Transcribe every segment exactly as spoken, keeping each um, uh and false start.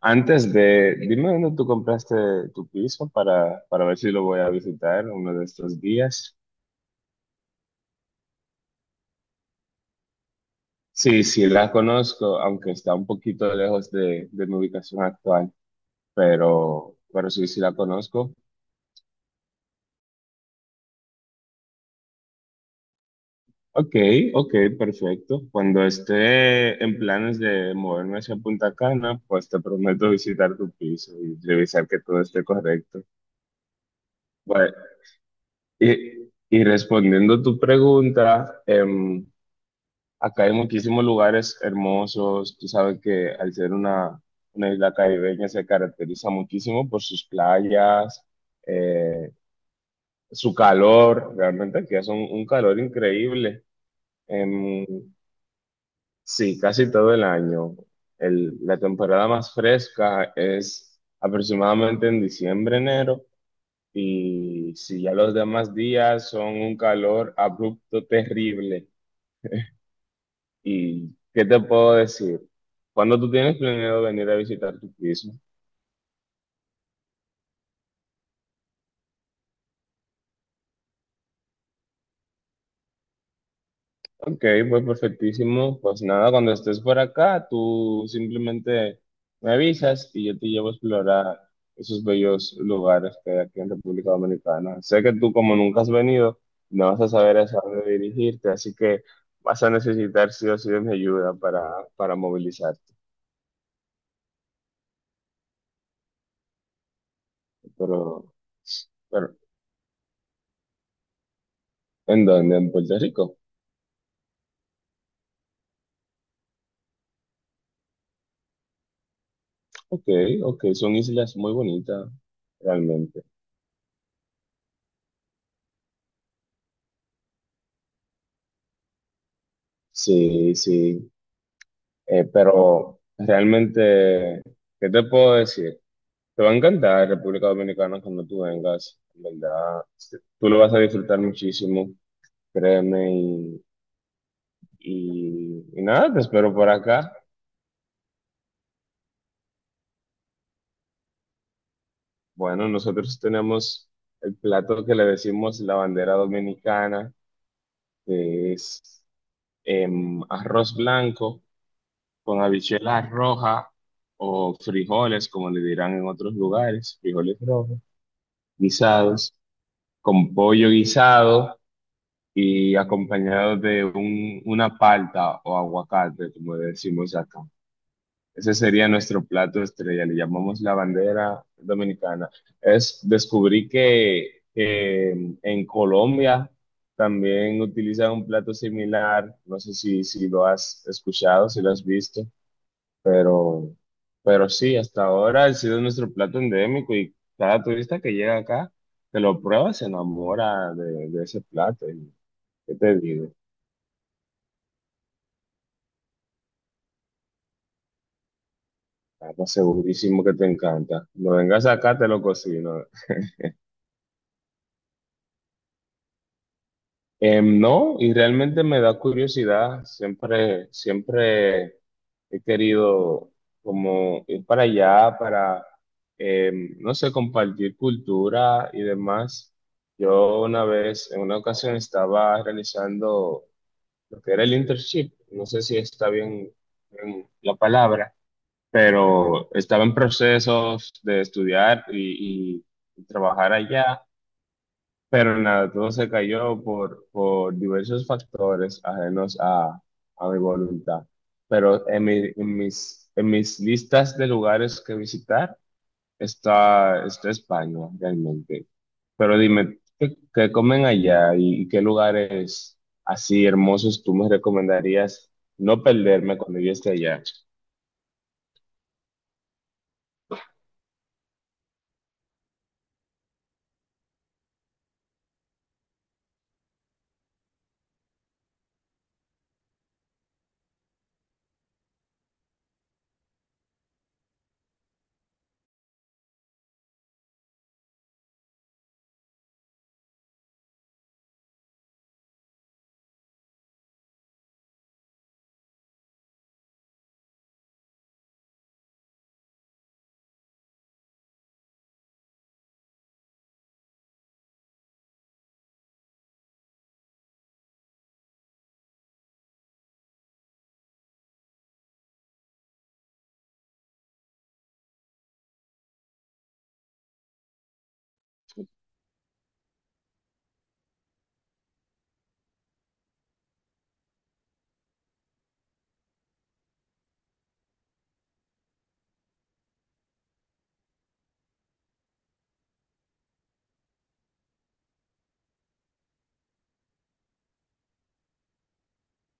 Antes de, dime dónde tú compraste tu piso para, para ver si lo voy a visitar uno de estos días. Sí, sí, la conozco, aunque está un poquito lejos de, de mi ubicación actual, pero, pero sí, sí la conozco. Ok, ok, perfecto. Cuando esté en planes de moverme hacia Punta Cana, pues te prometo visitar tu piso y revisar que todo esté correcto. Bueno, y, y respondiendo a tu pregunta, em, acá hay muchísimos lugares hermosos. Tú sabes que al ser una, una isla caribeña se caracteriza muchísimo por sus playas, eh, su calor. Realmente aquí hace un, un calor increíble. Em, sí, casi todo el año. El- la temporada más fresca es aproximadamente en diciembre, enero. Y si ya los demás días son un calor abrupto, terrible. ¿Y qué te puedo decir? ¿Cuando tú tienes planeado venir a visitar tu piso? Ok, pues perfectísimo. Pues nada, cuando estés por acá, tú simplemente me avisas y yo te llevo a explorar esos bellos lugares que hay aquí en República Dominicana. Sé que tú, como nunca has venido, no vas a saber hacia dónde dirigirte, así que vas a necesitar sí o sí de mi ayuda para, para movilizarte. Pero, pero, ¿en dónde? ¿En Puerto Rico? Ok, ok, son islas muy bonitas, realmente. Sí, sí, eh, pero realmente, ¿qué te puedo decir? Te va a encantar República Dominicana cuando tú vengas, en verdad. Este, tú lo vas a disfrutar muchísimo, créeme, y, y, y nada, te espero por acá. Bueno, nosotros tenemos el plato que le decimos la bandera dominicana, que es em, arroz blanco con habichuelas rojas o frijoles, como le dirán en otros lugares, frijoles rojos, guisados, con pollo guisado y acompañado de un- una palta o aguacate, como decimos acá. Ese sería nuestro plato estrella, le llamamos la bandera dominicana. Es, descubrí que, que en Colombia también utilizan un plato similar, no sé si, si lo has escuchado, si lo has visto. Pero, pero sí, hasta ahora ha sido nuestro plato endémico y cada turista que llega acá, que lo prueba, se enamora de, de ese plato. Y, ¿qué te digo? Estamos segurísimo que te encanta. No vengas acá, te lo cocino. Em, no, y realmente me da curiosidad, siempre, siempre he querido como ir para allá, para, em, no sé, compartir cultura y demás. Yo una vez, en una ocasión, estaba realizando lo que era el internship, no sé si está bien, bien la palabra, pero estaba en procesos de estudiar y y trabajar allá. Pero nada, todo se cayó por, por diversos factores ajenos a, a mi voluntad. Pero en, mi- en mis, en mis listas de lugares que visitar está, está España realmente. Pero dime, ¿qué, qué comen allá y, y qué lugares así hermosos tú me recomendarías no perderme cuando yo esté allá?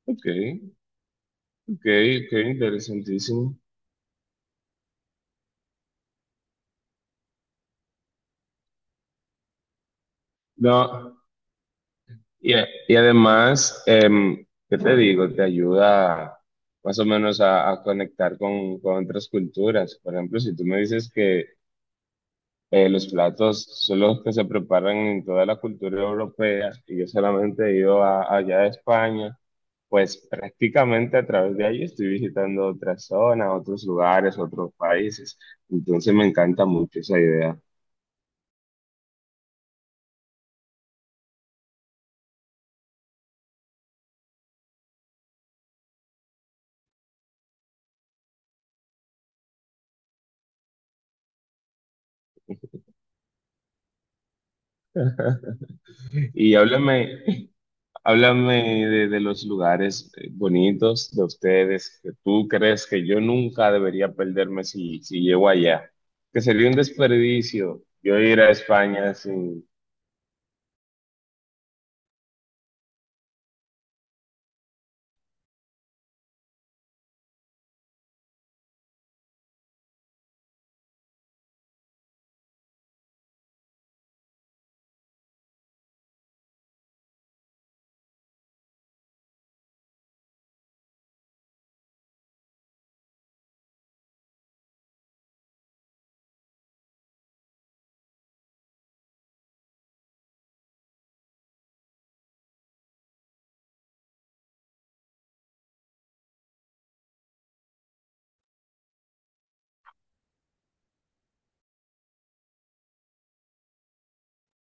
Ok, ok, ok, interesantísimo. No. Y, y además, em, ¿qué te digo? Te ayuda más o menos a, a conectar con, con otras culturas. Por ejemplo, si tú me dices que eh, los platos son los que se preparan en toda la cultura europea y yo solamente he ido a- allá a España, pues prácticamente a través de ahí estoy visitando otras zonas, otros lugares, otros países. Entonces me encanta mucho esa idea. Y háblame, Háblame de, de los lugares eh, bonitos de ustedes que tú crees que yo nunca debería perderme si, si llego allá. Que sería un desperdicio yo ir a España sin...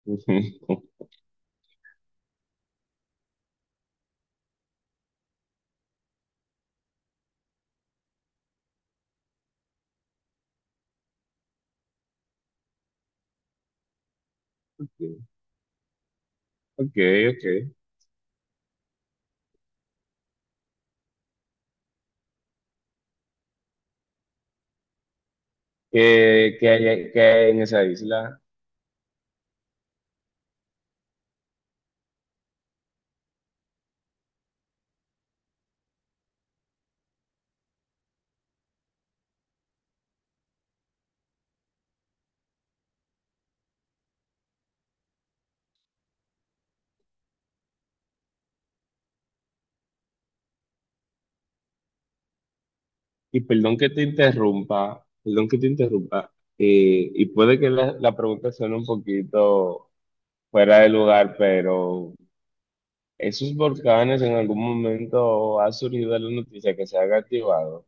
Ok, ok. ¿Qué, qué hay, qué hay en esa isla? Y perdón que te interrumpa, perdón que te interrumpa. Eh, y puede que la, la pregunta suene un poquito fuera de lugar, pero esos volcanes en algún momento ha surgido la noticia que se han activado.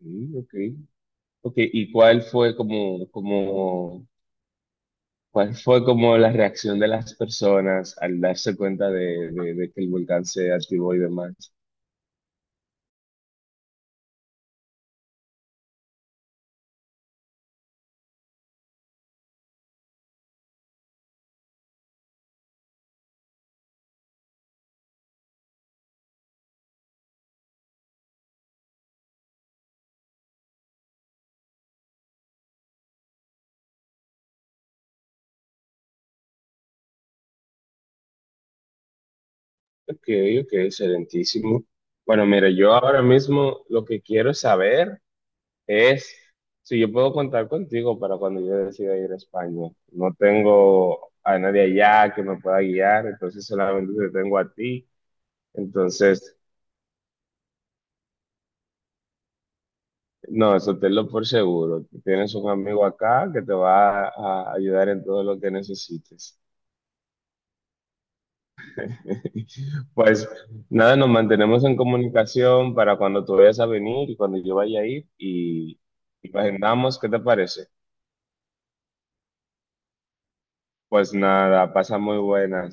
Mm, ok. Ok, ¿y cuál fue como, como, cuál fue como la reacción de las personas al darse cuenta de, de- de que el volcán se activó y demás? Ok, ok, excelentísimo. Bueno, mira, yo ahora mismo lo que quiero saber es si yo puedo contar contigo para cuando yo decida ir a España. No tengo a nadie allá que me pueda guiar, entonces solamente te tengo a ti. Entonces, no, eso tenlo por seguro. Tienes un amigo acá que te va a ayudar en todo lo que necesites. Pues nada, nos mantenemos en comunicación para cuando tú vayas a venir y cuando yo vaya a ir y, y agendamos, ¿qué te parece? Pues nada, pasa muy buenas.